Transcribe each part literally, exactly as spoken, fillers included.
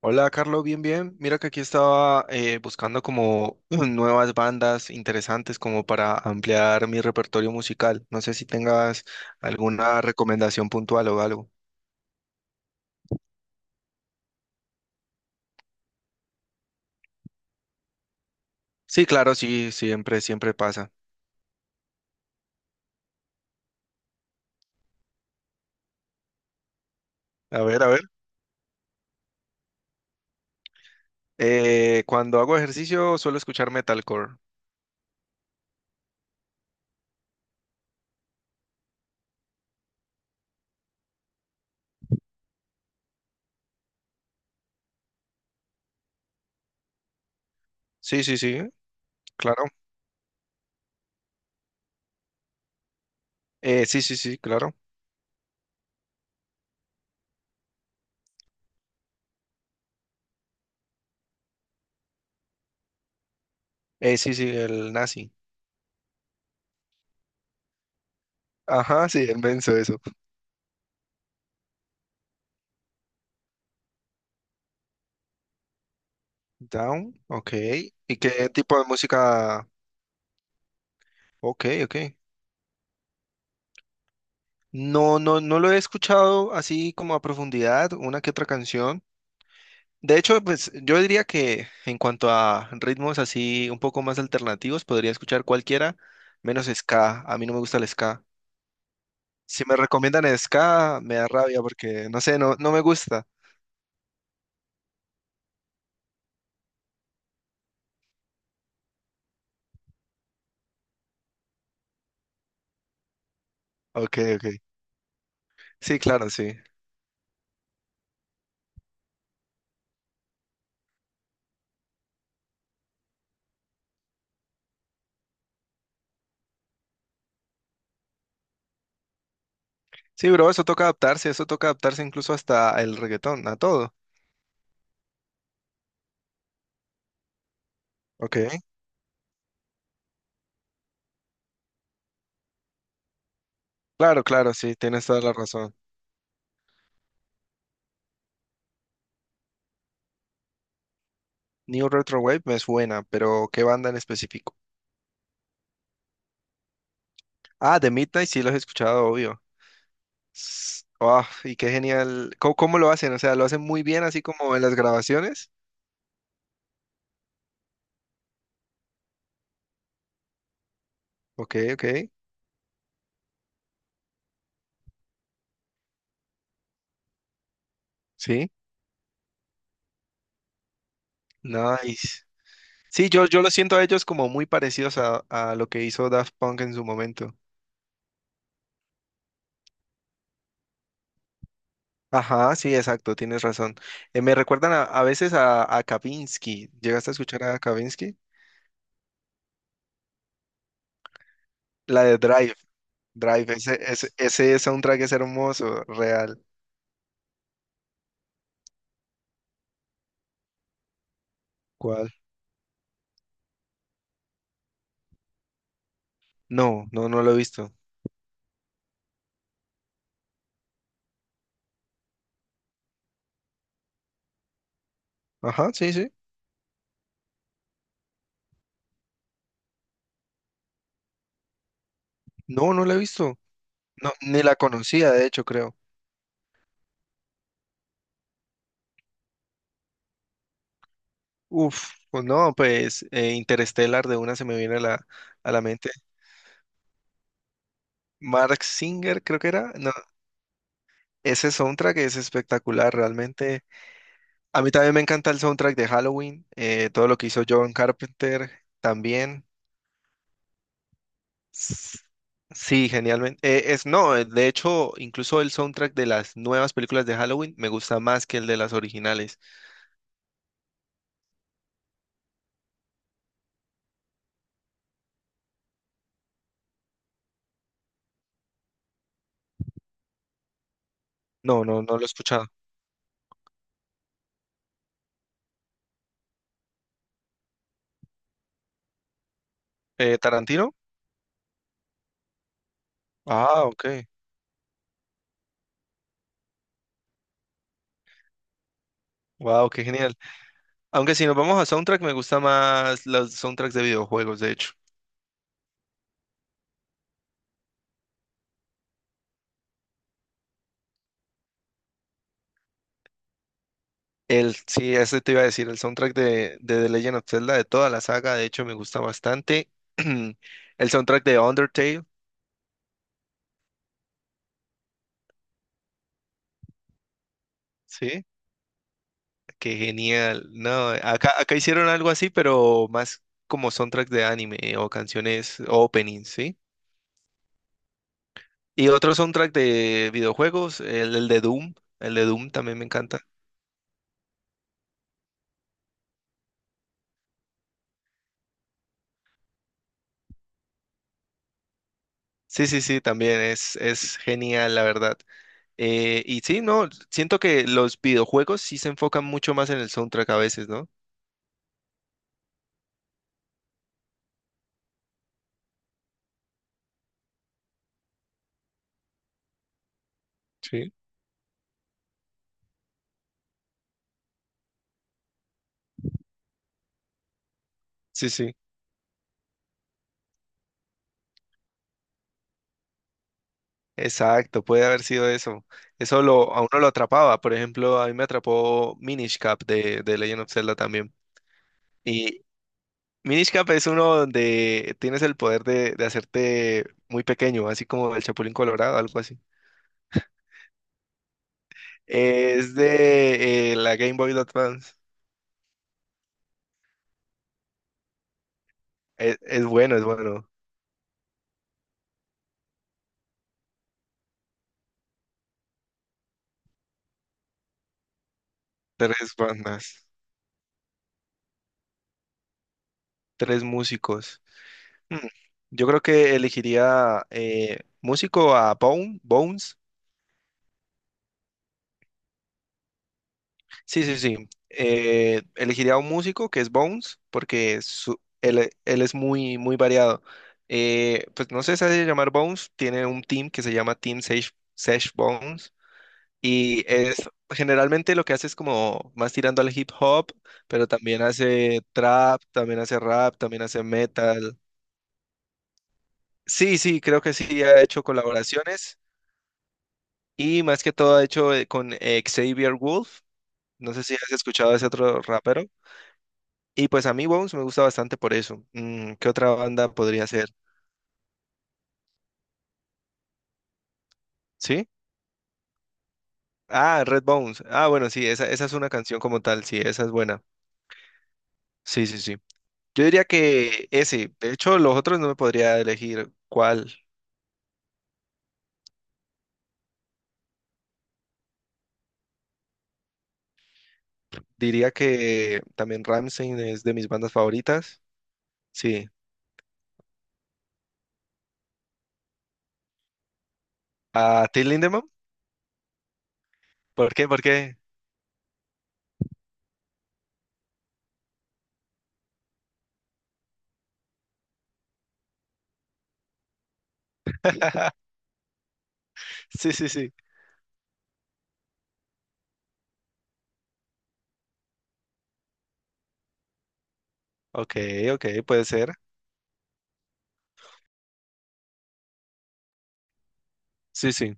Hola, Carlos, bien, bien. Mira que aquí estaba eh, buscando como nuevas bandas interesantes como para ampliar mi repertorio musical. No sé si tengas alguna recomendación puntual o algo. Sí, claro, sí, siempre, siempre pasa. A ver, a ver. Eh, cuando hago ejercicio suelo escuchar metalcore. Sí, sí, sí, claro. Eh, sí, sí, sí, claro. Eh, sí, sí, el nazi. Ajá, sí, el menso, eso. Down, ok. ¿Y qué tipo de música? Ok, ok. No, no, no lo he escuchado así como a profundidad, una que otra canción. De hecho, pues yo diría que en cuanto a ritmos así un poco más alternativos, podría escuchar cualquiera, menos ska. A mí no me gusta el ska. Si me recomiendan ska, me da rabia porque, no sé, no, no me gusta. Ok, ok. Sí, claro, sí. Sí, bro, eso toca adaptarse, eso toca adaptarse incluso hasta el reggaetón, a todo. Ok. Claro, claro, sí, tienes toda la razón. New Retro Wave me suena, pero ¿qué banda en específico? Ah, The Midnight sí los he escuchado, obvio. S- ah, y qué genial. ¿Cómo, cómo lo hacen? O sea, ¿lo hacen muy bien así como en las grabaciones? Ok, ok. Sí. Nice. Sí, yo, yo lo siento a ellos como muy parecidos a, a lo que hizo Daft Punk en su momento. Ajá, sí, exacto, tienes razón. Eh, me recuerdan a, a veces a, a Kavinsky. ¿Llegaste a escuchar a Kavinsky? La de Drive. Drive, ese, ese, ese soundtrack es hermoso, real. ¿Cuál? No, no, no lo he visto. Ajá, sí, sí. No, no lo he visto. No, ni la conocía, de hecho, creo. Uf, pues no, pues eh, Interstellar de una se me viene a la, a la mente. Mark Singer, creo que era. No, ese soundtrack es espectacular, realmente. A mí también me encanta el soundtrack de Halloween, eh, todo lo que hizo John Carpenter también. S- Sí, genialmente. Eh, es, no, eh, de hecho, incluso el soundtrack de las nuevas películas de Halloween me gusta más que el de las originales. No, no, no lo he escuchado. Eh, ¿Tarantino? Ah, ok. Wow, qué genial. Aunque si nos vamos a soundtrack, me gusta más los soundtracks de videojuegos, de hecho. El, sí, ese te iba a decir, el soundtrack de, de The Legend of Zelda, de toda la saga, de hecho, me gusta bastante. El soundtrack de Undertale, sí, qué genial. No, acá, acá hicieron algo así, pero más como soundtrack de anime o canciones o openings, ¿sí? Y otro soundtrack de videojuegos, el, el de Doom, el de Doom también me encanta. Sí, sí, sí, también es, es genial, la verdad. Eh, y sí, no, siento que los videojuegos sí se enfocan mucho más en el soundtrack a veces, ¿no? Sí, sí, sí. Exacto, puede haber sido eso. Eso lo, a uno lo atrapaba. Por ejemplo, a mí me atrapó Minish Cap de, de Legend of Zelda también. Y Minish Cap es uno donde tienes el poder de, de hacerte muy pequeño, así como el Chapulín Colorado, algo así. Es de eh, la Game Boy Advance. Es, es bueno, es bueno. Tres bandas, tres músicos. Mm, Yo creo que elegiría eh, músico a Bone, Bones. Sí, sí, sí. Eh, elegiría a un músico que es Bones, porque su- él, él es muy, muy variado. Eh, pues no sé si se llamar Bones, tiene un team que se llama Team Sesh, Sesh Bones. Y es generalmente lo que hace es como más tirando al hip hop, pero también hace trap, también hace rap, también hace metal. Sí, sí, creo que sí ha hecho colaboraciones. Y más que todo ha hecho eh, con eh, Xavier Wolf. No sé si has escuchado a ese otro rapero. Y pues a mí Bones me gusta bastante por eso. Mm, ¿qué otra banda podría ser? ¿Sí? Ah, Red Bones. Ah, bueno, sí, esa, esa es una canción como tal. Sí, esa es buena. Sí, sí, sí. Yo diría que ese. De hecho, los otros no me podría elegir cuál. Diría que también Ramstein es de mis bandas favoritas. Sí. ¿A Till Lindemann? ¿Por qué? ¿Por qué? Sí, sí, sí. Ok, ok, puede ser. Sí, sí.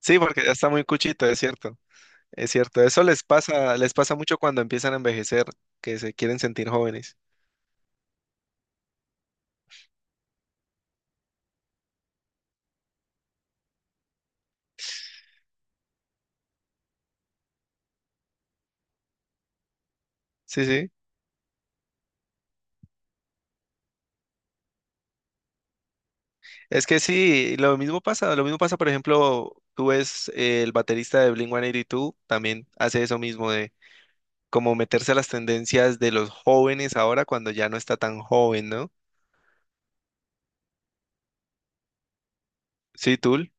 Sí, porque ya está muy cuchito, es cierto, es cierto. Eso les pasa, les pasa mucho cuando empiezan a envejecer, que se quieren sentir jóvenes. Sí, sí. Es que sí, lo mismo pasa, lo mismo pasa, por ejemplo, tú ves eh, el baterista de Blink one eighty two, también hace eso mismo de como meterse a las tendencias de los jóvenes ahora cuando ya no está tan joven, ¿no? Sí, Tool.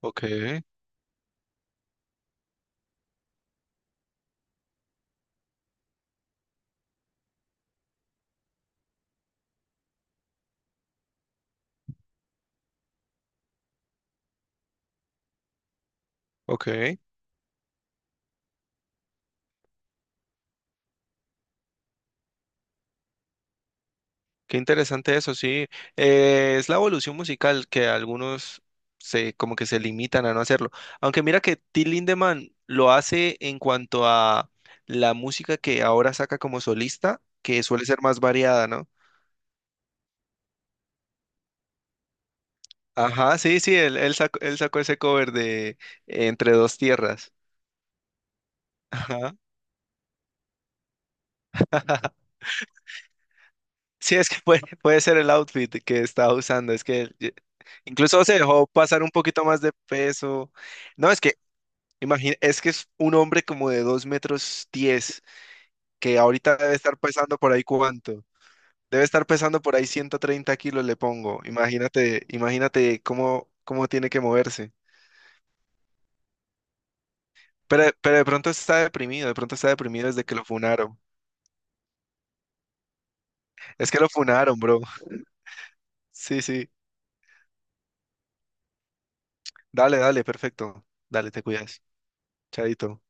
Ok, ok. Qué interesante eso, sí. Eh, es la evolución musical que algunos se como que se limitan a no hacerlo. Aunque mira que Till Lindemann lo hace en cuanto a la música que ahora saca como solista, que suele ser más variada, ¿no? Ajá, sí, sí, él, él sacó, él sacó ese cover de Entre dos tierras. Ajá. Sí, es que puede, puede ser el outfit que estaba usando. Es que eh, incluso se dejó pasar un poquito más de peso. No, es que imagina, es que es un hombre como de dos metros diez, que ahorita debe estar pesando por ahí cuánto. Debe estar pesando por ahí ciento treinta kilos, le pongo. Imagínate, imagínate cómo, cómo tiene que moverse. Pero, pero de pronto está deprimido, de pronto está deprimido desde que lo funaron. Es que lo funaron, bro. Sí, sí. Dale, dale, perfecto. Dale, te cuidas. Chadito.